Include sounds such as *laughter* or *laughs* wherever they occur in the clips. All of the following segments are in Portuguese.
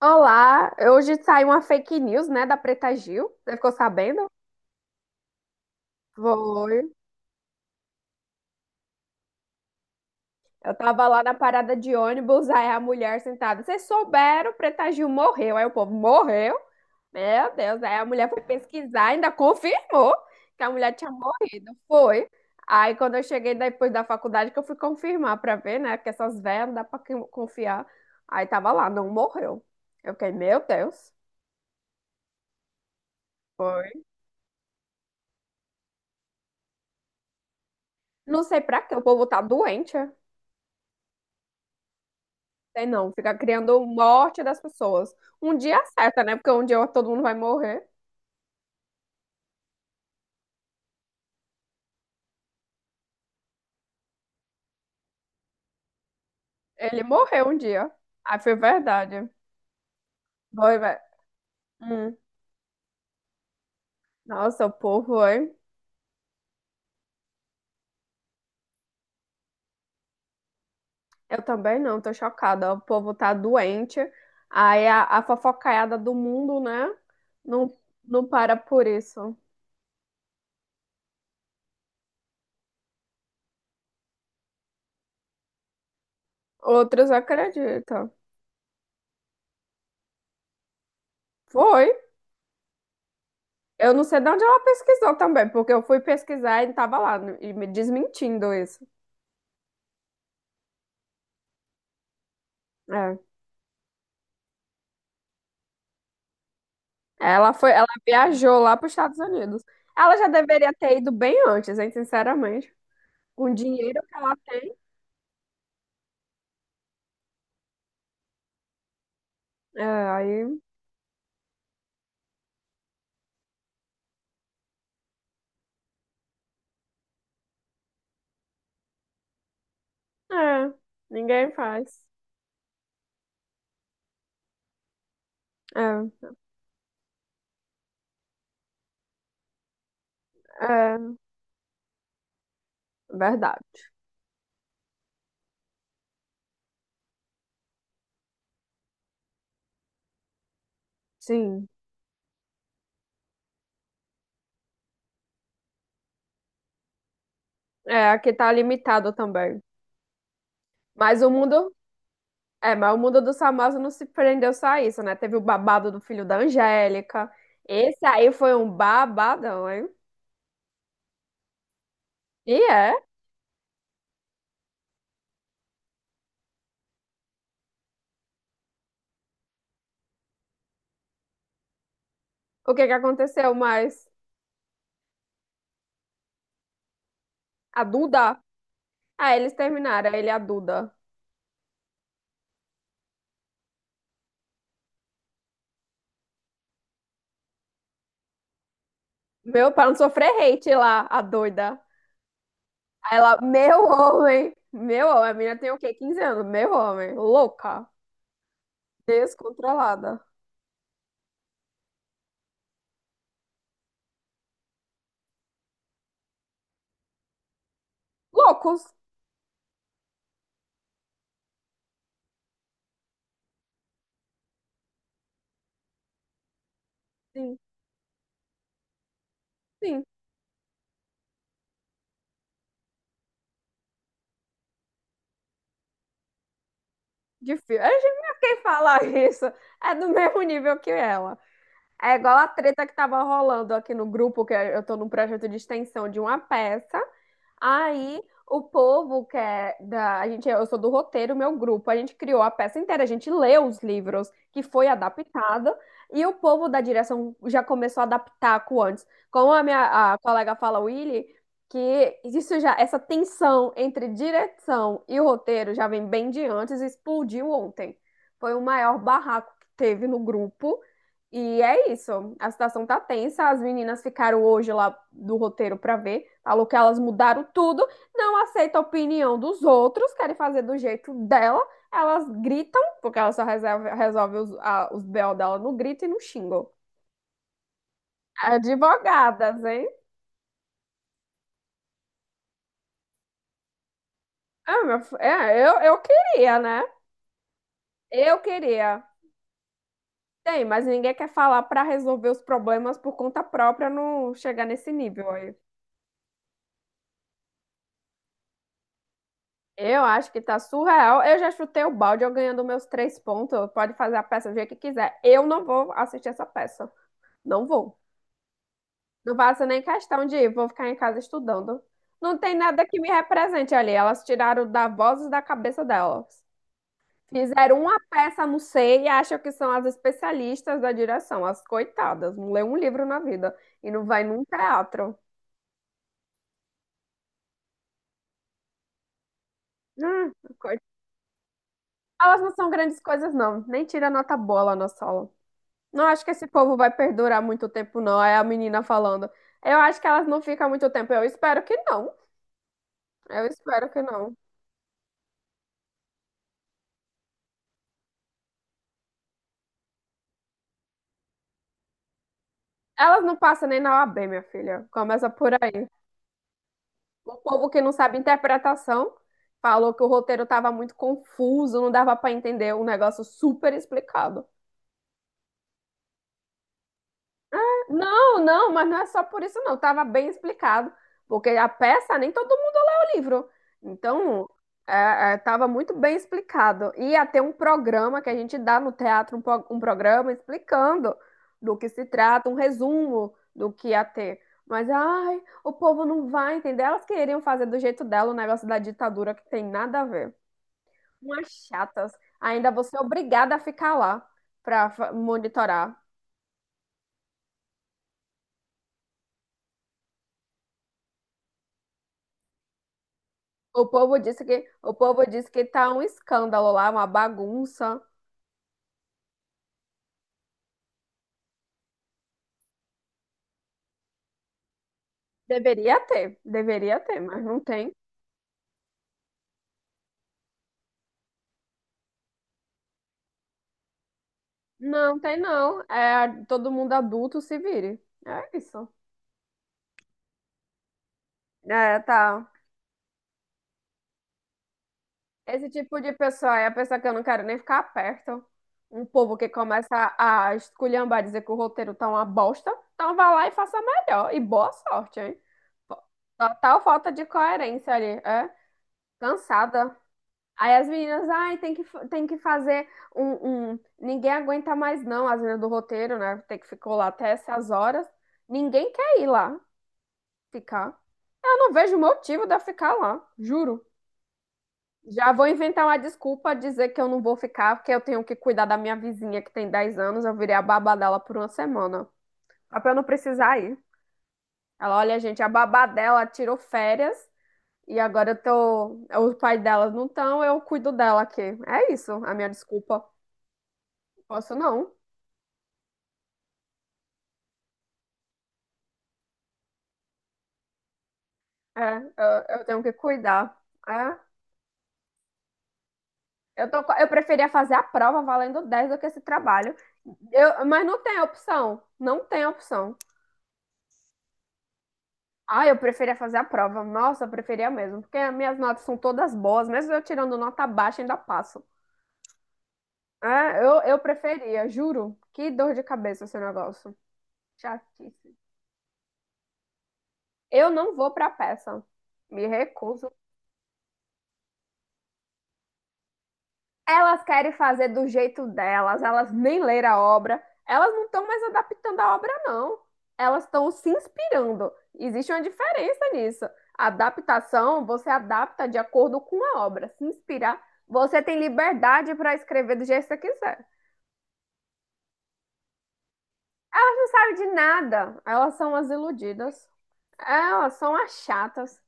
Olá, hoje saiu uma fake news, né, da Preta Gil. Você ficou sabendo? Foi. Eu tava lá na parada de ônibus, aí a mulher sentada. Vocês souberam, Preta Gil morreu. Aí o povo morreu. Meu Deus, aí a mulher foi pesquisar, ainda confirmou que a mulher tinha morrido. Foi. Aí quando eu cheguei depois da faculdade, que eu fui confirmar pra ver, né, que essas velhas não dá pra confiar. Aí tava lá, não morreu. Eu fiquei, meu Deus. Foi. Não sei pra quê, o povo tá doente. É? Tem não, fica criando morte das pessoas. Um dia acerta, né? Porque um dia todo mundo vai morrer. Ele morreu um dia. Ah, foi verdade. Foi, velho. Hum. Nossa, o povo, hein? Eu também não, tô chocada. O povo tá doente. Aí a fofocaiada do mundo, né? Não, não para por isso. Outros acreditam. Foi. Eu não sei de onde ela pesquisou também, porque eu fui pesquisar e tava lá, e me desmentindo isso. É. Ela foi, ela viajou lá para os Estados Unidos. Ela já deveria ter ido bem antes, hein, sinceramente. Com o dinheiro que ela tem, é, aí, é, ninguém faz. É, é, verdade. Sim. É, aqui tá limitado também. Mas o mundo, mas o mundo do famosos não se prendeu só a isso, né? Teve o babado do filho da Angélica. Esse aí foi um babadão, hein? E é. O que que aconteceu mais? A Duda? Ah, eles terminaram, ele e a Duda. Meu, pra não sofrer hate lá, a doida. Aí ela, meu homem, a menina tem o quê? 15 anos, meu homem, louca, descontrolada. Loucos, sim, sim, de filme. A gente não quer falar *laughs* isso, é do mesmo nível que ela. É igual a treta que tava rolando aqui no grupo, que eu tô num projeto de extensão de uma peça. Aí o povo que é da, a gente, eu sou do roteiro, meu grupo, a gente criou a peça inteira, a gente leu os livros que foi adaptado e o povo da direção já começou a adaptar com antes. Como a minha a colega fala, Willy, que isso já essa tensão entre direção e o roteiro já vem bem de antes, e explodiu ontem. Foi o maior barraco que teve no grupo. E é isso. A situação tá tensa. As meninas ficaram hoje lá do roteiro pra ver. Falou que elas mudaram tudo, não aceita a opinião dos outros, querem fazer do jeito dela. Elas gritam, porque ela só resolve os BO dela no grito e no xingo. Advogadas, hein? Ah, é, eu queria, né? Eu queria. Tem, mas ninguém quer falar pra resolver os problemas por conta própria, não chegar nesse nível aí. Eu acho que tá surreal. Eu já chutei o balde, eu ganhando meus 3 pontos. Pode fazer a peça do jeito que quiser. Eu não vou assistir essa peça. Não vou. Não faço nem questão de ir. Vou ficar em casa estudando. Não tem nada que me represente ali. Elas tiraram da voz da cabeça delas. Fizeram uma peça, não sei, e acham que são as especialistas da direção. As coitadas. Não lê um livro na vida. E não vai num teatro. Hum, coit- elas não são grandes coisas, não. Nem tira nota boa lá na sala. Não acho que esse povo vai perdurar muito tempo, não. É a menina falando. Eu acho que elas não ficam muito tempo. Eu espero que não. Eu espero que não. Elas não passam nem na OAB, minha filha. Começa por aí. O povo que não sabe interpretação falou que o roteiro estava muito confuso, não dava para entender um negócio super explicado. Não, não, mas não é só por isso, não. Tava bem explicado, porque a peça nem todo mundo lê o livro. Então, é, tava muito bem explicado. Ia ter um programa que a gente dá no teatro, um programa explicando do que se trata, um resumo do que ia ter. Mas, ai, o povo não vai entender. Elas queriam fazer do jeito dela o negócio da ditadura que tem nada a ver. Umas chatas. Ainda você é obrigada a ficar lá para monitorar. O povo disse que o povo disse que tá um escândalo lá, uma bagunça. Deveria ter, mas não tem. Não tem não. É todo mundo adulto se vire. É isso. É, tá. Esse tipo de pessoa é a pessoa que eu não quero nem ficar perto. Um povo que começa a esculhambar, dizer que o roteiro tá uma bosta. Então vá lá e faça melhor. E boa sorte, hein? Total falta de coerência ali. É cansada. Aí as meninas, ai, tem que, tem que fazer Ninguém aguenta mais, não, as meninas do roteiro, né? Tem que ficou lá até essas horas. Ninguém quer ir lá ficar. Eu não vejo motivo de eu ficar lá, juro. Já vou inventar uma desculpa, dizer que eu não vou ficar, porque eu tenho que cuidar da minha vizinha que tem 10 anos. Eu virei a babá dela por uma semana. Só pra eu não precisar ir. Ela, olha, gente, a babá dela tirou férias e agora eu tô. Os pais delas não estão, eu cuido dela aqui. É isso, a minha desculpa. Posso não. É, eu tenho que cuidar. É, eu tô, eu preferia fazer a prova valendo 10 do que esse trabalho. Eu, mas não tem opção. Não tem opção. Ah, eu preferia fazer a prova. Nossa, eu preferia mesmo. Porque as minhas notas são todas boas. Mesmo eu tirando nota baixa, ainda passo. É, eu preferia, juro. Que dor de cabeça esse negócio. Chatice. Eu não vou pra peça. Me recuso. Elas querem fazer do jeito delas, elas nem leram a obra, elas não estão mais adaptando a obra, não. Elas estão se inspirando. Existe uma diferença nisso. Adaptação, você adapta de acordo com a obra. Se inspirar, você tem liberdade para escrever do jeito que você quiser. Elas não sabem de nada, elas são as iludidas, elas são as chatas.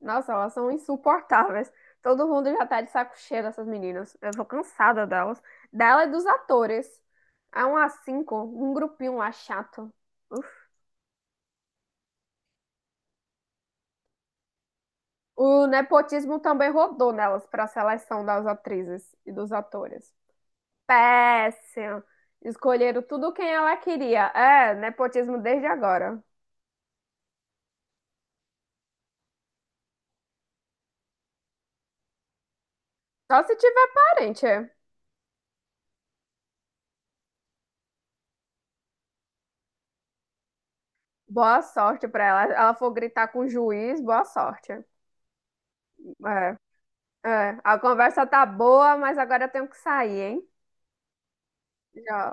Nossa, elas são insuportáveis. Todo mundo já tá de saco cheio dessas meninas. Eu tô cansada delas. Dela e dos atores. Há um a cinco, um grupinho lá chato. Uf. O nepotismo também rodou nelas pra seleção das atrizes e dos atores. Péssimo. Escolheram tudo quem ela queria. É, nepotismo desde agora. Só se tiver parente. Boa sorte pra ela. Ela for gritar com o juiz, boa sorte. É. É, a conversa tá boa, mas agora eu tenho que sair, hein? Já,